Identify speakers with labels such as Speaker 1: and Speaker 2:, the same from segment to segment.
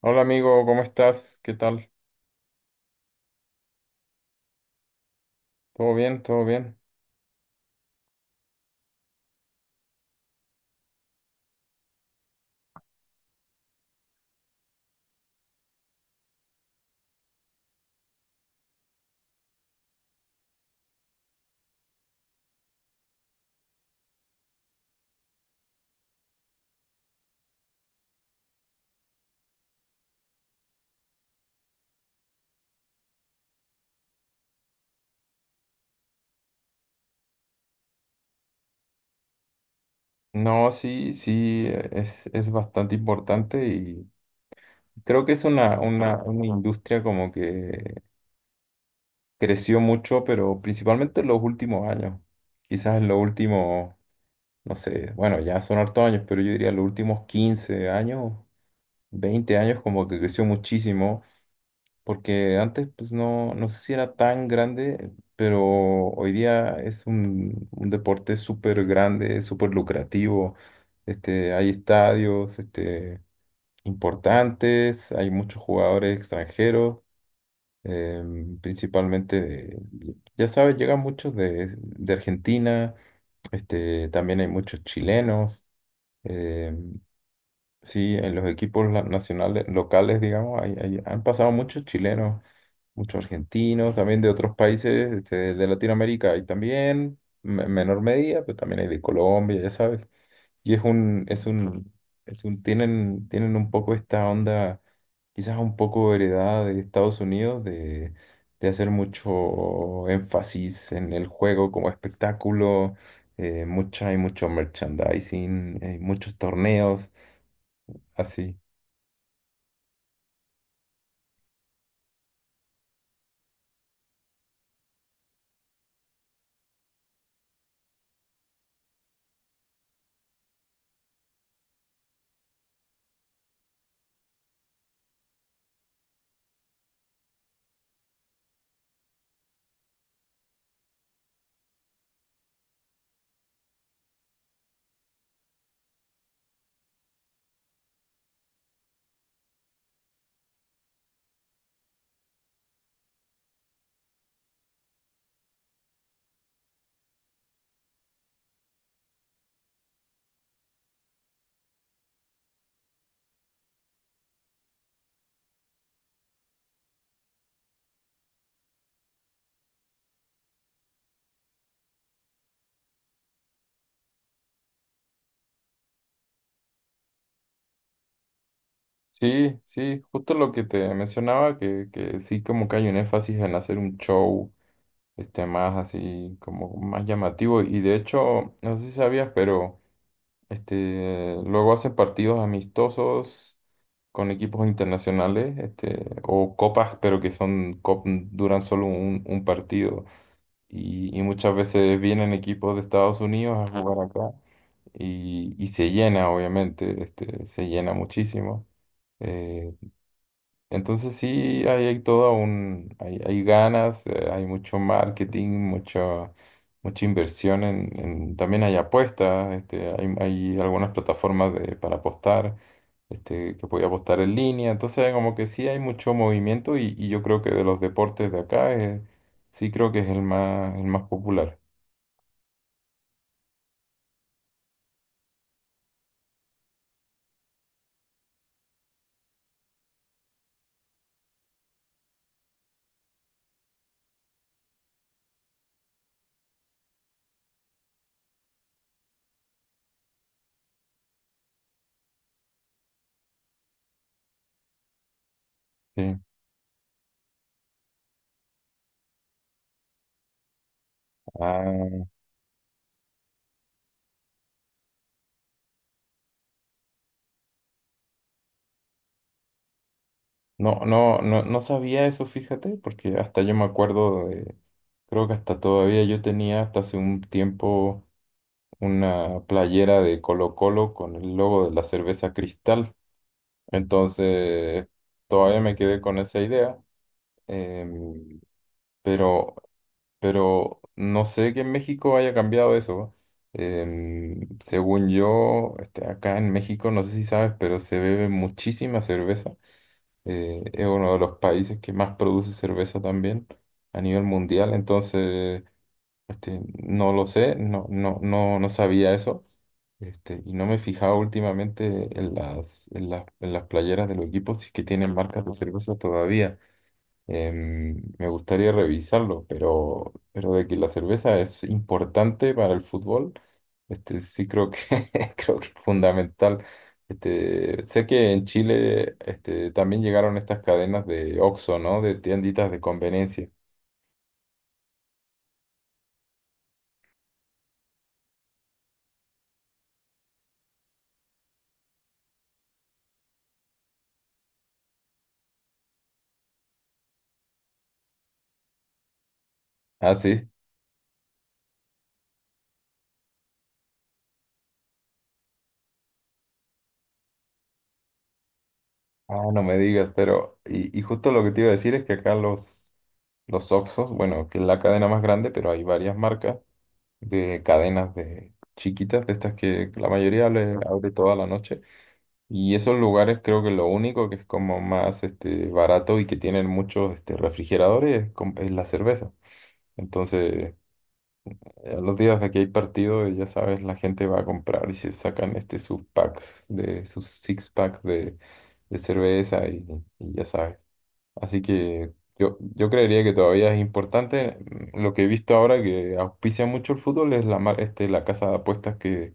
Speaker 1: Hola amigo, ¿cómo estás? ¿Qué tal? ¿Todo bien? ¿Todo bien? No, sí, sí, es bastante importante y creo que es una industria como que creció mucho, pero principalmente en los últimos años. Quizás en los últimos, no sé, bueno, ya son hartos años, pero yo diría los últimos 15 años, 20 años como que creció muchísimo porque antes pues no, no sé si era tan grande, pero hoy día es un deporte súper grande, súper lucrativo. Hay estadios importantes, hay muchos jugadores extranjeros, principalmente, ya sabes, llegan muchos de Argentina, también hay muchos chilenos. em, Sí, en los equipos nacionales, locales, digamos, han pasado muchos chilenos, muchos argentinos, también de otros países de Latinoamérica hay también, en menor medida, pero también hay de Colombia, ya sabes. Y es un, es un, es un, tienen, tienen un poco esta onda, quizás un poco heredada de Estados Unidos, de hacer mucho énfasis en el juego como espectáculo, mucha, hay mucho merchandising, hay muchos torneos, así. Sí, sí, justo lo que te mencionaba, que sí como que hay un énfasis en hacer un show, más así, como más llamativo. Y de hecho, no sé si sabías, pero luego hacen partidos amistosos con equipos internacionales, o copas, pero que son, duran solo un partido. Y muchas veces vienen equipos de Estados Unidos a jugar acá y se llena, obviamente, se llena muchísimo. Eh, entonces sí, hay todo un, hay ganas, hay mucho marketing, mucho, mucha inversión también hay apuestas, hay, hay algunas plataformas de, para apostar, que puede apostar en línea. Entonces como que sí hay mucho movimiento y yo creo que de los deportes de acá, sí creo que es el más popular. Sí. Ah, no, no, no, no sabía eso, fíjate, porque hasta yo me acuerdo de, creo que hasta todavía yo tenía hasta hace un tiempo una playera de Colo Colo con el logo de la cerveza Cristal. Entonces, todavía me quedé con esa idea, em, pero, pero no sé que en México haya cambiado eso. Según yo, acá en México, no sé si sabes, pero se bebe muchísima cerveza. Es uno de los países que más produce cerveza también a nivel mundial. Entonces, no lo sé, no, no, no, no sabía eso. Y no me he fijado últimamente en las, en las, en las playeras de los equipos si es que tienen marcas de cerveza todavía. Me gustaría revisarlo, pero de que la cerveza es importante para el fútbol, sí creo que, creo que es fundamental. Sé que en Chile también llegaron estas cadenas de Oxxo, ¿no? De tienditas de conveniencia. Ah, sí. Ah, no me digas, pero... Y, y justo lo que te iba a decir es que acá los Oxos, bueno, que es la cadena más grande, pero hay varias marcas de cadenas de chiquitas, de estas que la mayoría le abre toda la noche. Y esos lugares creo que lo único que es como más barato y que tienen muchos refrigeradores es, es la cerveza. Entonces, a los días de que hay partido, ya sabes, la gente va a comprar y se sacan sus packs, de, sus six packs de cerveza y ya sabes. Así que yo creería que todavía es importante. Mm, lo que he visto ahora que auspicia mucho el fútbol es la, la casa de apuestas que,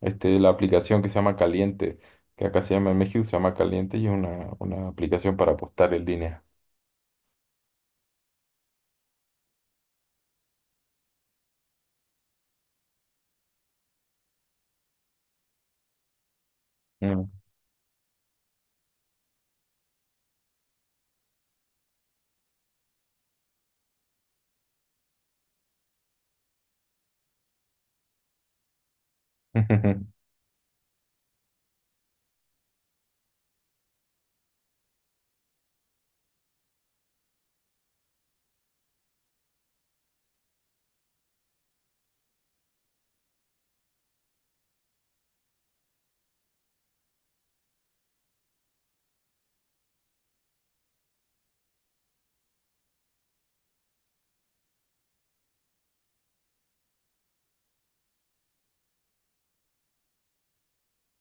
Speaker 1: la aplicación que se llama Caliente, que acá se llama en México, se llama Caliente y es una aplicación para apostar en línea. Mm.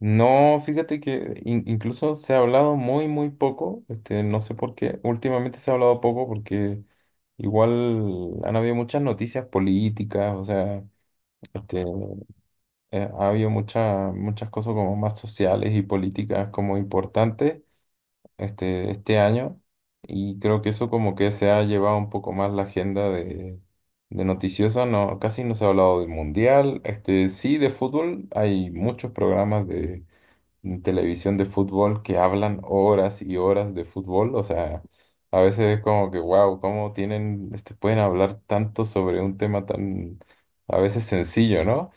Speaker 1: No, fíjate que incluso se ha hablado muy, muy poco. No sé por qué. Últimamente se ha hablado poco porque igual han habido muchas noticias políticas, o sea, este, ha habido muchas cosas como más sociales y políticas como importantes este año y creo que eso como que se ha llevado un poco más la agenda de noticiosa, no, casi no se ha hablado del mundial, sí de fútbol, hay muchos programas de televisión de fútbol que hablan horas y horas de fútbol, o sea, a veces es como que wow, cómo tienen, pueden hablar tanto sobre un tema tan a veces sencillo, ¿no?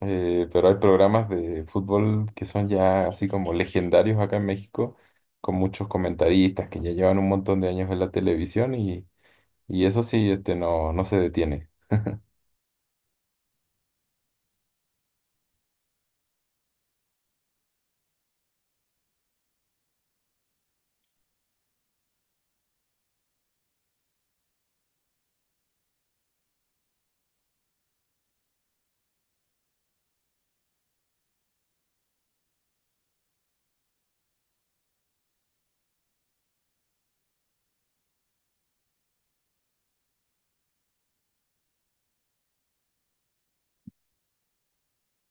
Speaker 1: Pero hay programas de fútbol que son ya así como legendarios acá en México, con muchos comentaristas que ya llevan un montón de años en la televisión y eso sí, no, no se detiene.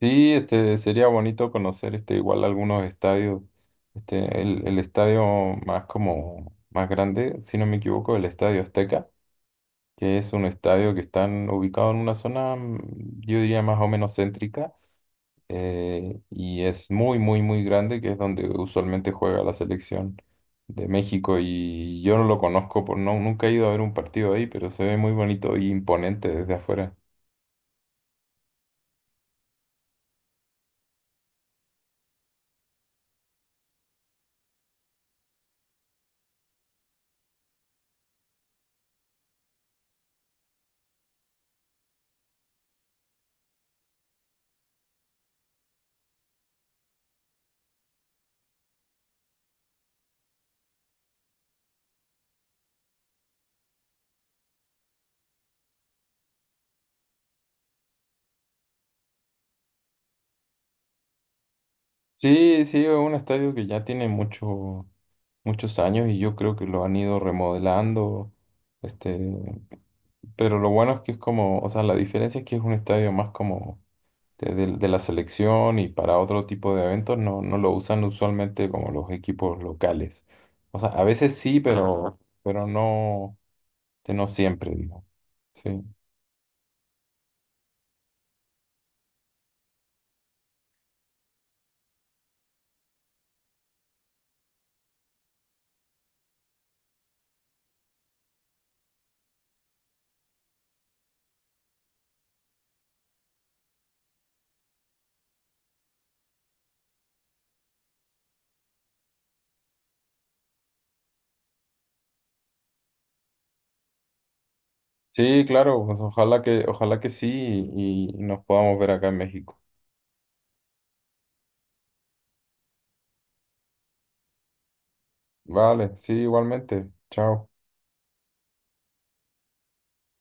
Speaker 1: Sí, sería bonito conocer igual algunos estadios. El estadio más como más grande, si no me equivoco, el Estadio Azteca, que es un estadio que están ubicado en una zona, mm, yo diría más o menos céntrica, y es muy, muy, muy grande, que es donde usualmente juega la selección de México y yo no lo conozco, por, no, nunca he ido a ver un partido ahí, pero se ve muy bonito y imponente desde afuera. Sí, sí, es un estadio que ya tiene mucho, muchos años y yo creo que lo han ido remodelando, este, pero lo bueno es que es como, o sea, la diferencia es que es un estadio más como de, de la selección y para otro tipo de eventos no, no lo usan usualmente como los equipos locales. O sea, a veces sí, pero no, que no siempre, digo. Sí. Sí, claro, pues ojalá que sí y nos podamos ver acá en México. Vale, sí, igualmente. Chao.